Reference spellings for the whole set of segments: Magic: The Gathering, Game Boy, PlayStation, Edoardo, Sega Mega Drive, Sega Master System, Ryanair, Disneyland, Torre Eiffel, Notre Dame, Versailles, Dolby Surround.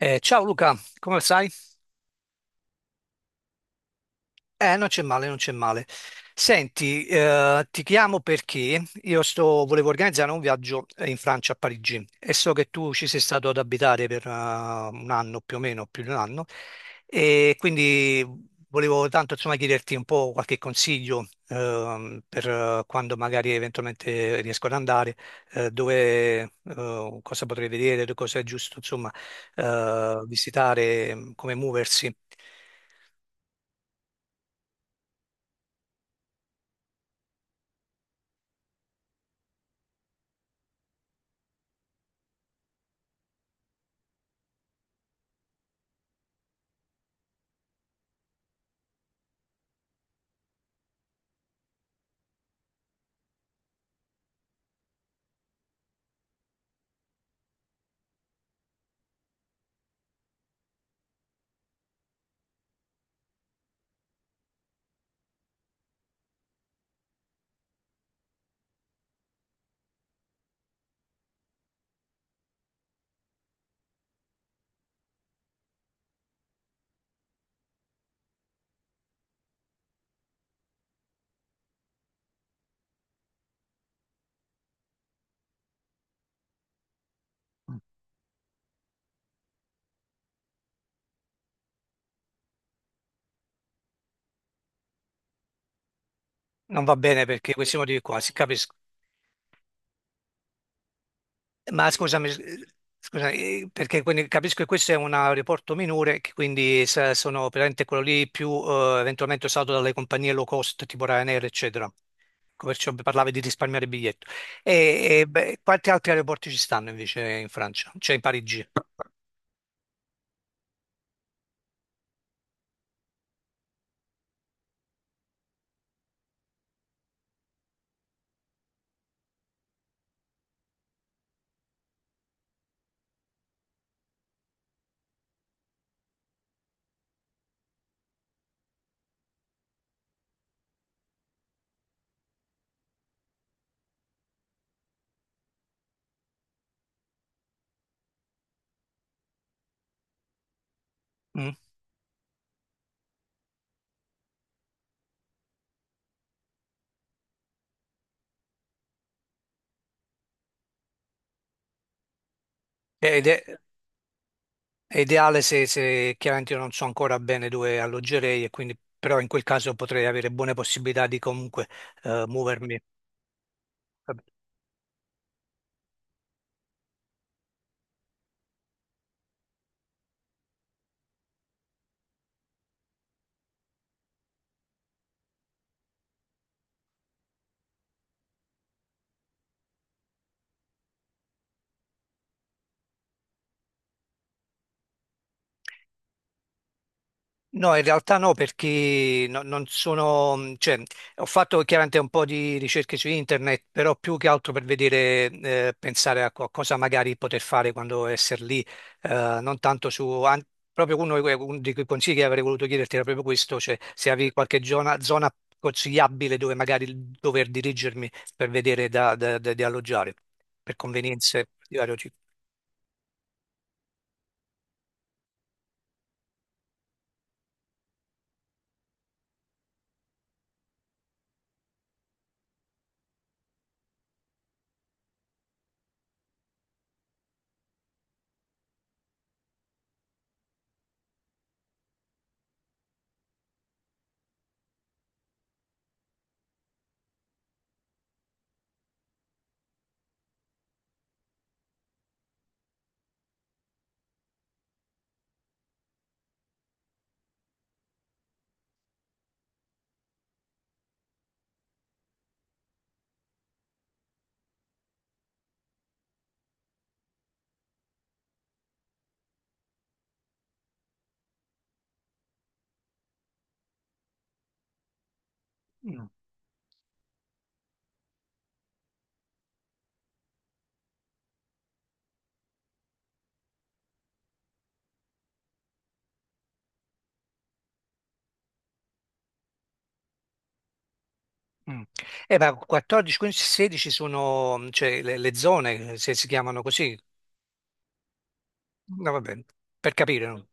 Ciao Luca, come stai? Non c'è male, non c'è male. Senti, ti chiamo perché volevo organizzare un viaggio in Francia, a Parigi, e so che tu ci sei stato ad abitare per un anno più o meno, più di un anno, e quindi volevo tanto insomma chiederti un po' qualche consiglio per quando magari eventualmente riesco ad andare, dove, cosa potrei vedere, cosa è giusto insomma visitare, come muoversi. Non va bene perché questi motivi qua, si capisco. Ma scusami, scusami, perché quindi capisco che questo è un aeroporto minore, che quindi sono veramente quello lì più eventualmente usato dalle compagnie low cost tipo Ryanair, eccetera. Ecco, perciò parlavi di risparmiare il biglietto. Beh, quanti altri aeroporti ci stanno invece in Francia? Cioè in Parigi? Mm? Ed è, è ideale se, se chiaramente io non so ancora bene dove alloggerei, e quindi, però in quel caso potrei avere buone possibilità di comunque muovermi. No, in realtà no, perché non sono, cioè, ho fatto chiaramente un po' di ricerche su internet, però più che altro per vedere, pensare a cosa magari poter fare quando essere lì, non tanto su, proprio uno di uno di quei consigli che avrei voluto chiederti era proprio questo, cioè se avevi qualche zona consigliabile dove magari dover dirigermi per vedere di alloggiare, per convenienze di vario tipo. Mm. Ma 14, 15, 16 sono mm, cioè, le zone, se si chiamano così, no, vabbè, per capire. No?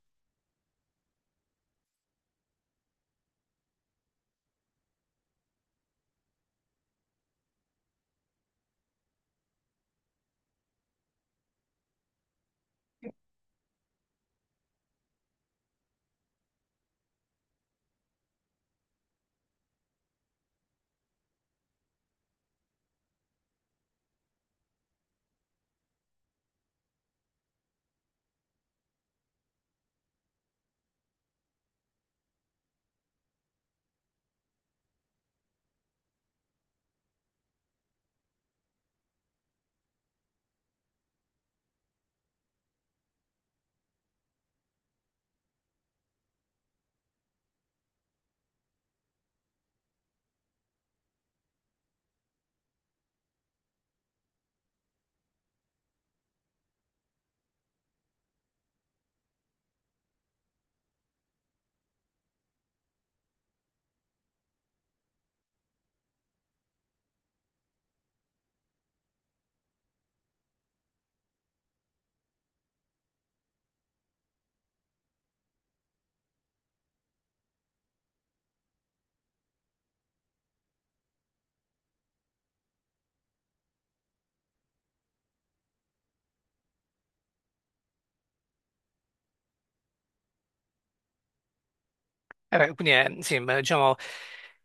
Beh, quindi sì, ma, diciamo,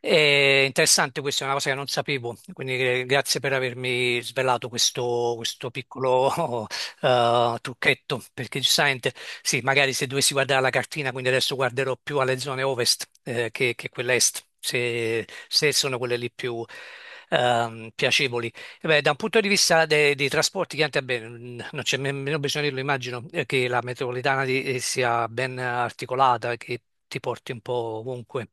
è interessante, questa è una cosa che non sapevo, quindi grazie per avermi svelato questo, questo piccolo trucchetto, perché giustamente, sì, magari se dovessi guardare la cartina, quindi adesso guarderò più alle zone ovest che quelle est, se, se sono quelle lì più piacevoli. Eh beh, da un punto di vista dei trasporti, chiaramente, beh, non c'è nemmeno bisogno di dirlo, immagino che la metropolitana sia ben articolata, che ti porti un po' ovunque.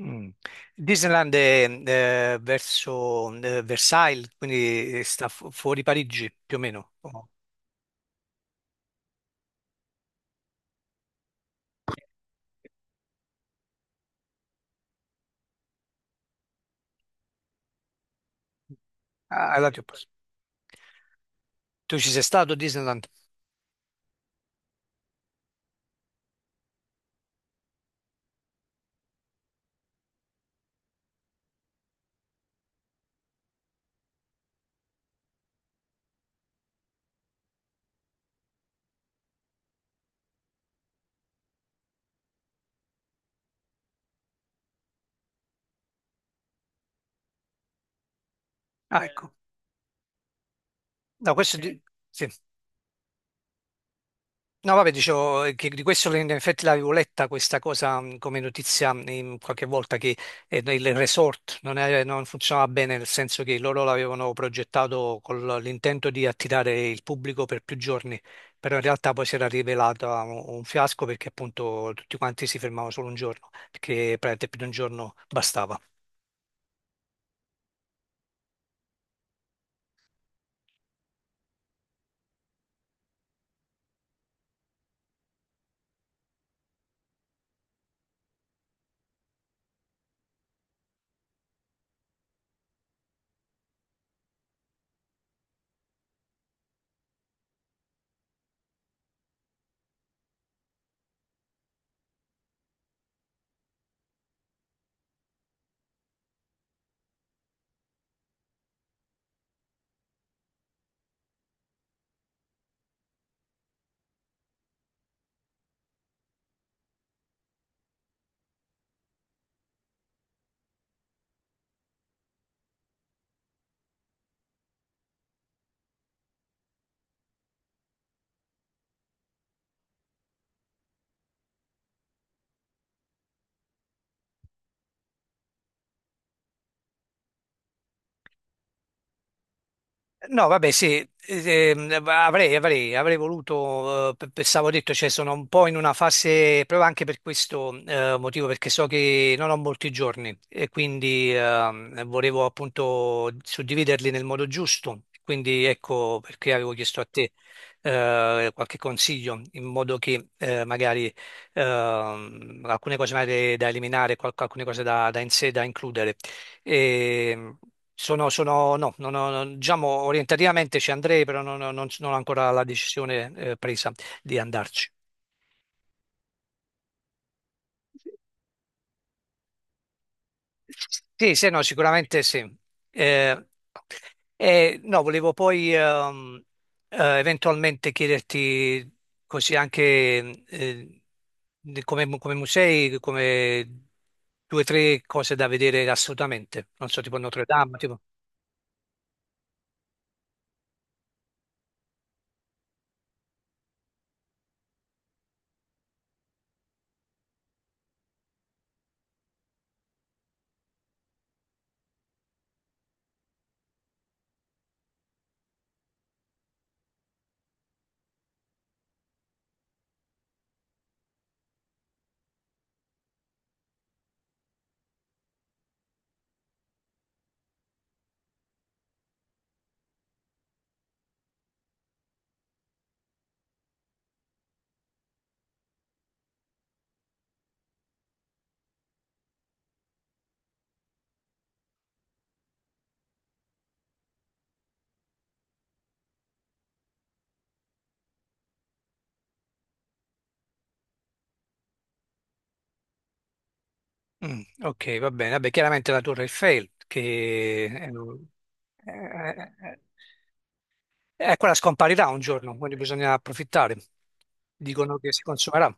Mm. Disneyland è verso Versailles, quindi sta fuori Parigi, più o meno. Oh. Ah, allora ti ho preso. Tu ci sei stato a Disneyland? Ah, ecco. No, sì. No, vabbè, dicevo che di questo in effetti l'avevo letta questa cosa come notizia in qualche volta che il resort non funzionava bene, nel senso che loro l'avevano progettato con l'intento di attirare il pubblico per più giorni, però in realtà poi si era rivelato un fiasco perché appunto tutti quanti si fermavano solo un giorno, perché praticamente più di un giorno bastava. No, vabbè, sì, avrei voluto, pensavo detto, cioè sono un po' in una fase, proprio anche per questo motivo, perché so che non ho molti giorni e quindi volevo appunto suddividerli nel modo giusto, quindi ecco perché avevo chiesto a te qualche consiglio in modo che magari alcune cose magari da eliminare, alcune cose da in sé da includere. E no, non ho- non- diciamo orientativamente ci andrei, però non ho ancora la decisione presa di andarci. Sì, sì, no, sicuramente sì. Eh, no, volevo poi eventualmente chiederti così anche eh, come, come musei, come due o tre cose da vedere assolutamente. Non so, tipo Notre Dame, tipo. Mm, ok, va bene. Vabbè, chiaramente la Torre Eiffel, che è, è- è- è quella scomparirà un giorno, quindi bisogna approfittare. Dicono che si consumerà.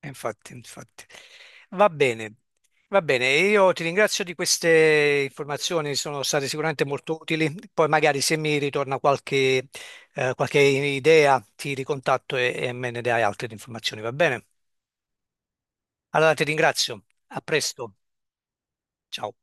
E infatti, infatti. Va bene, va bene. Io ti ringrazio di queste informazioni, sono state sicuramente molto utili. Poi magari se mi ritorna qualche idea, ti ricontatto e me ne dai altre informazioni, va bene? Allora ti ringrazio. A presto. Ciao.